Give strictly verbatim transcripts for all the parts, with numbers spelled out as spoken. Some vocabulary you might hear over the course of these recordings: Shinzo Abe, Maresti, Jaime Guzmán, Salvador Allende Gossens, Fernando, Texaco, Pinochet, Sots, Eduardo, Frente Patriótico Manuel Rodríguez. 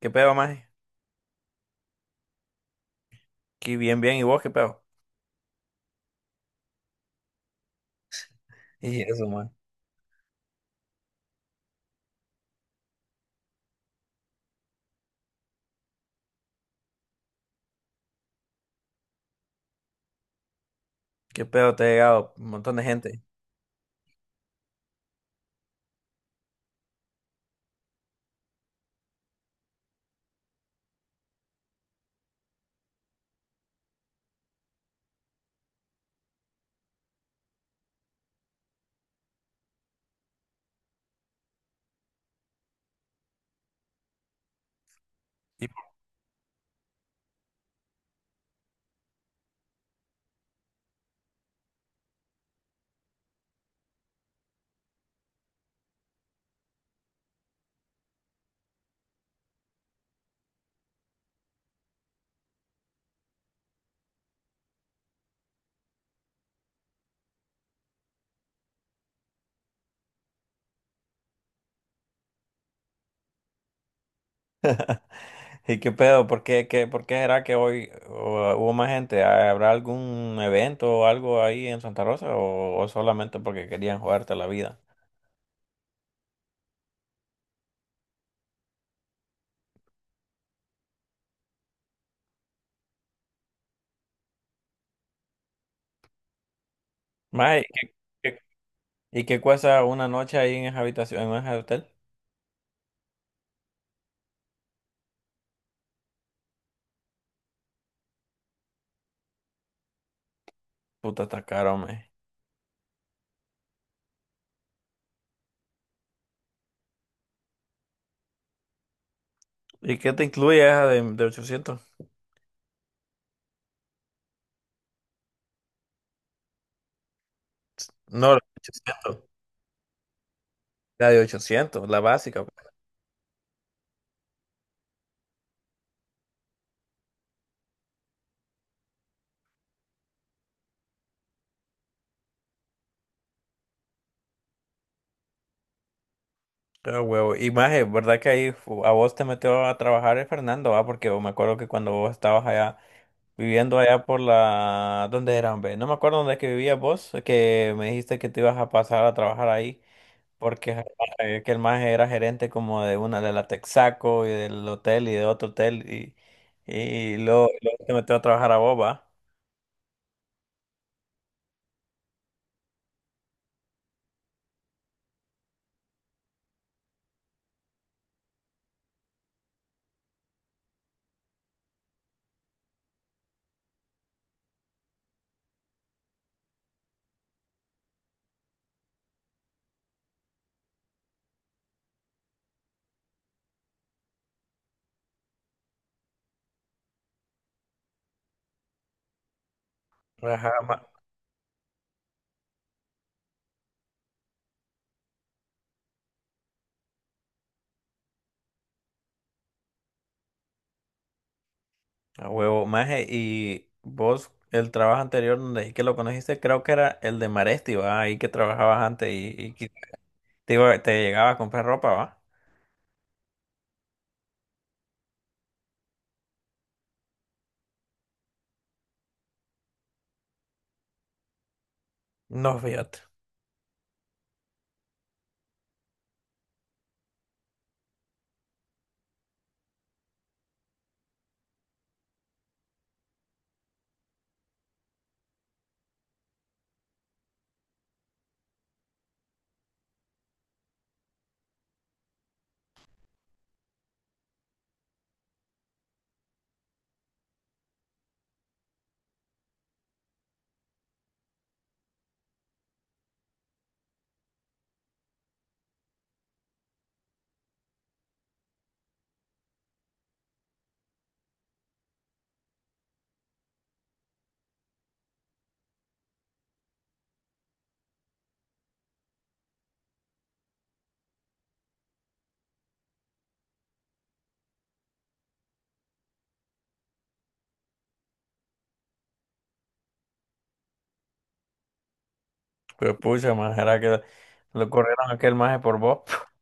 ¿Qué pedo, maje? Aquí bien, bien. ¿Y vos qué pedo? Y eso, man. ¿Qué pedo? Te ha llegado un montón de gente. ¿Y por ¿Y qué pedo? ¿Por qué, qué- por qué será que hoy uh, hubo más gente? ¿Habrá algún evento o algo ahí en Santa Rosa o, o solamente porque querían jugarte la vida? Maje, ¿qué- qué- ¿y qué cuesta una noche ahí en esa habitación, en ese hotel? Puta, está caro, maje. ¿Y qué te incluye esa de, de ochocientos? No, la de ochocientos. La de ochocientos, la básica. Ah, huevo. Y más, es verdad que ahí fu- a vos te metió a trabajar el Fernando, ah, porque me acuerdo que cuando vos estabas allá, viviendo allá por la... ¿Dónde era, hombre? No me acuerdo dónde es que vivías vos, que me dijiste que te ibas a pasar a trabajar ahí, porque ja- eh, que el más era gerente como de una de la Texaco y del hotel y de otro hotel, y, y luego, luego te metió a trabajar a vos, va. Ajá, ma- A huevo, maje, y vos, el trabajo anterior donde dije que lo conociste, creo que era el de Maresti, ¿va? Ahí que trabajabas antes y, y que te, iba- te llegaba a comprar ropa, ¿va? No, fíjate. Pues pucha, maje, era que lo corrieron a aquel maje por vos.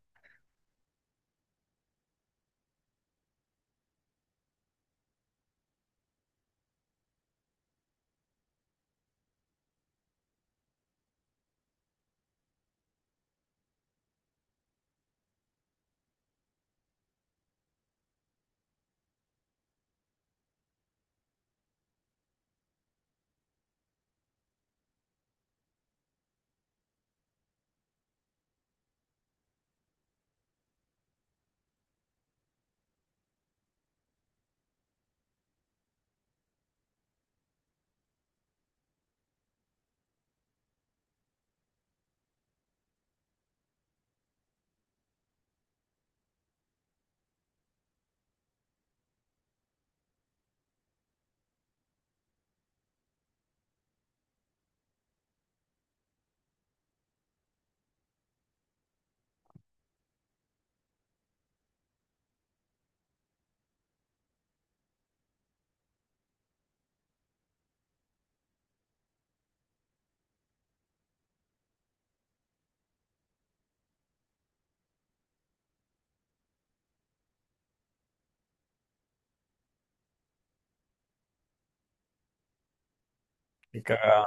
Y cagada.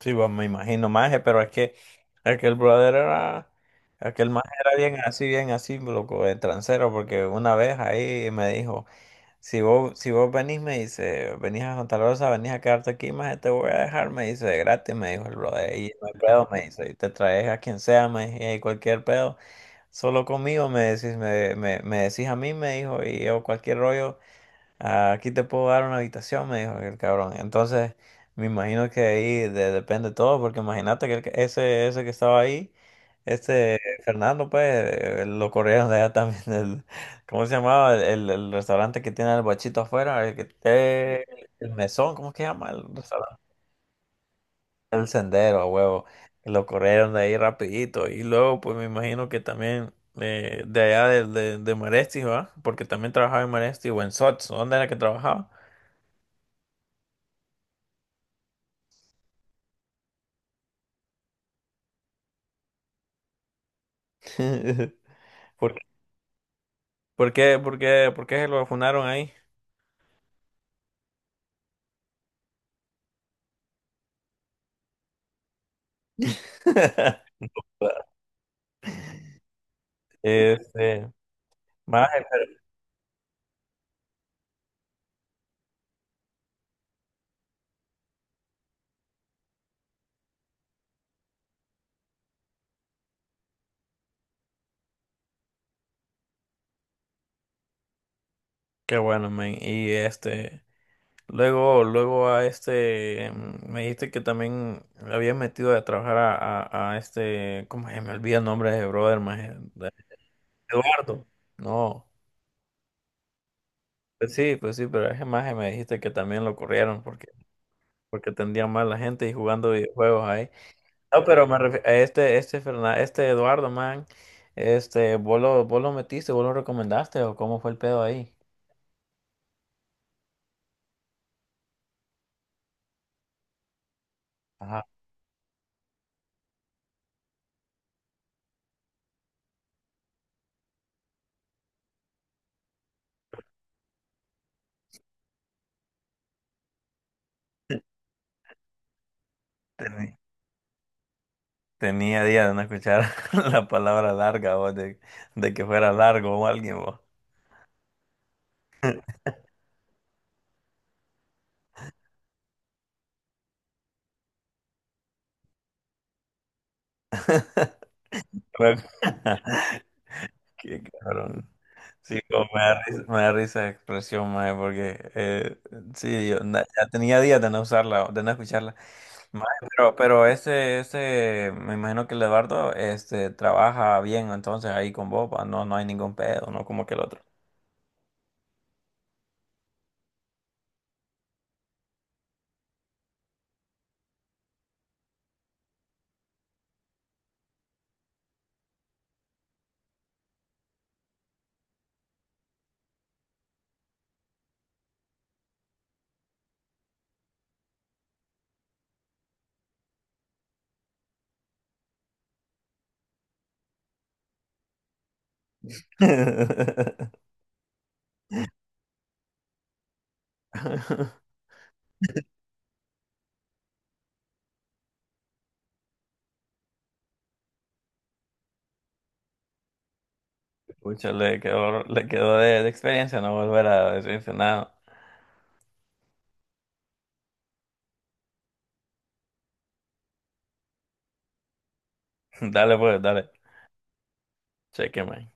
Sí, va, me imagino, maje, pero es que aquel brother era, aquel maje era bien así, bien así, loco, de transero, porque una vez ahí me dijo. Si vos, si vos venís, me dice, venís a Santa Rosa, venís a quedarte aquí, más te voy a dejar, me dice, de gratis, me dijo el brother, y no hay pedo, me dice, y te traes a quien sea, me dice, y cualquier pedo, solo conmigo, me decís, me, me, me decís a mí, me dijo, y yo cualquier rollo, "Ah, aquí te puedo dar una habitación", me dijo el cabrón. Entonces, me imagino que ahí de- depende todo, porque imagínate que el que- ese, ese que estaba ahí, este Fernando, pues, eh, lo corrieron de allá también. Del- ¿cómo se llamaba? El, el el restaurante que tiene el bachito afuera, el que eh, el mesón, ¿cómo es que se llama? El restaurante, el sendero, a huevo. Lo corrieron de ahí rapidito. Y luego, pues, me imagino que también eh, de allá de, de, de Maresti, ¿va? Porque también trabajaba en Maresti o en Sots, ¿dónde era que trabajaba? ¿Por, por qué, por qué, por qué se lo funaron ahí? Este, más, qué bueno, men. Y este, luego, luego a este, mm, me dijiste que también le habías metido a trabajar a, a, a este, ¿cómo se me olvida el nombre de ese brother, maje? De- Eduardo. No, pues sí, pues sí, pero ese maje me dijiste que también lo corrieron porque, porque atendía mal a la gente y jugando videojuegos. No, pero me refi- a este, este Fernan- este Eduardo, man, este, vos lo, vos lo metiste, vos lo recomendaste, o cómo fue el pedo ahí. Ajá. Teni- Tenía días de no escuchar la palabra larga, vos, de, de que fuera largo o alguien, vos. Qué cabrón. Sí, como me da risa, me da risa la expresión, mae, porque eh, sí, yo na- ya tenía días de no usarla, de no escucharla. Mae, pero, pero ese, ese, me imagino que el Eduardo este, trabaja bien entonces ahí con vos, pa, no, no hay ningún pedo, no como que el otro. Pucha, le quedó, le quedó de, de experiencia no volver a decirse nada. Dale pues, dale, cheque, mae.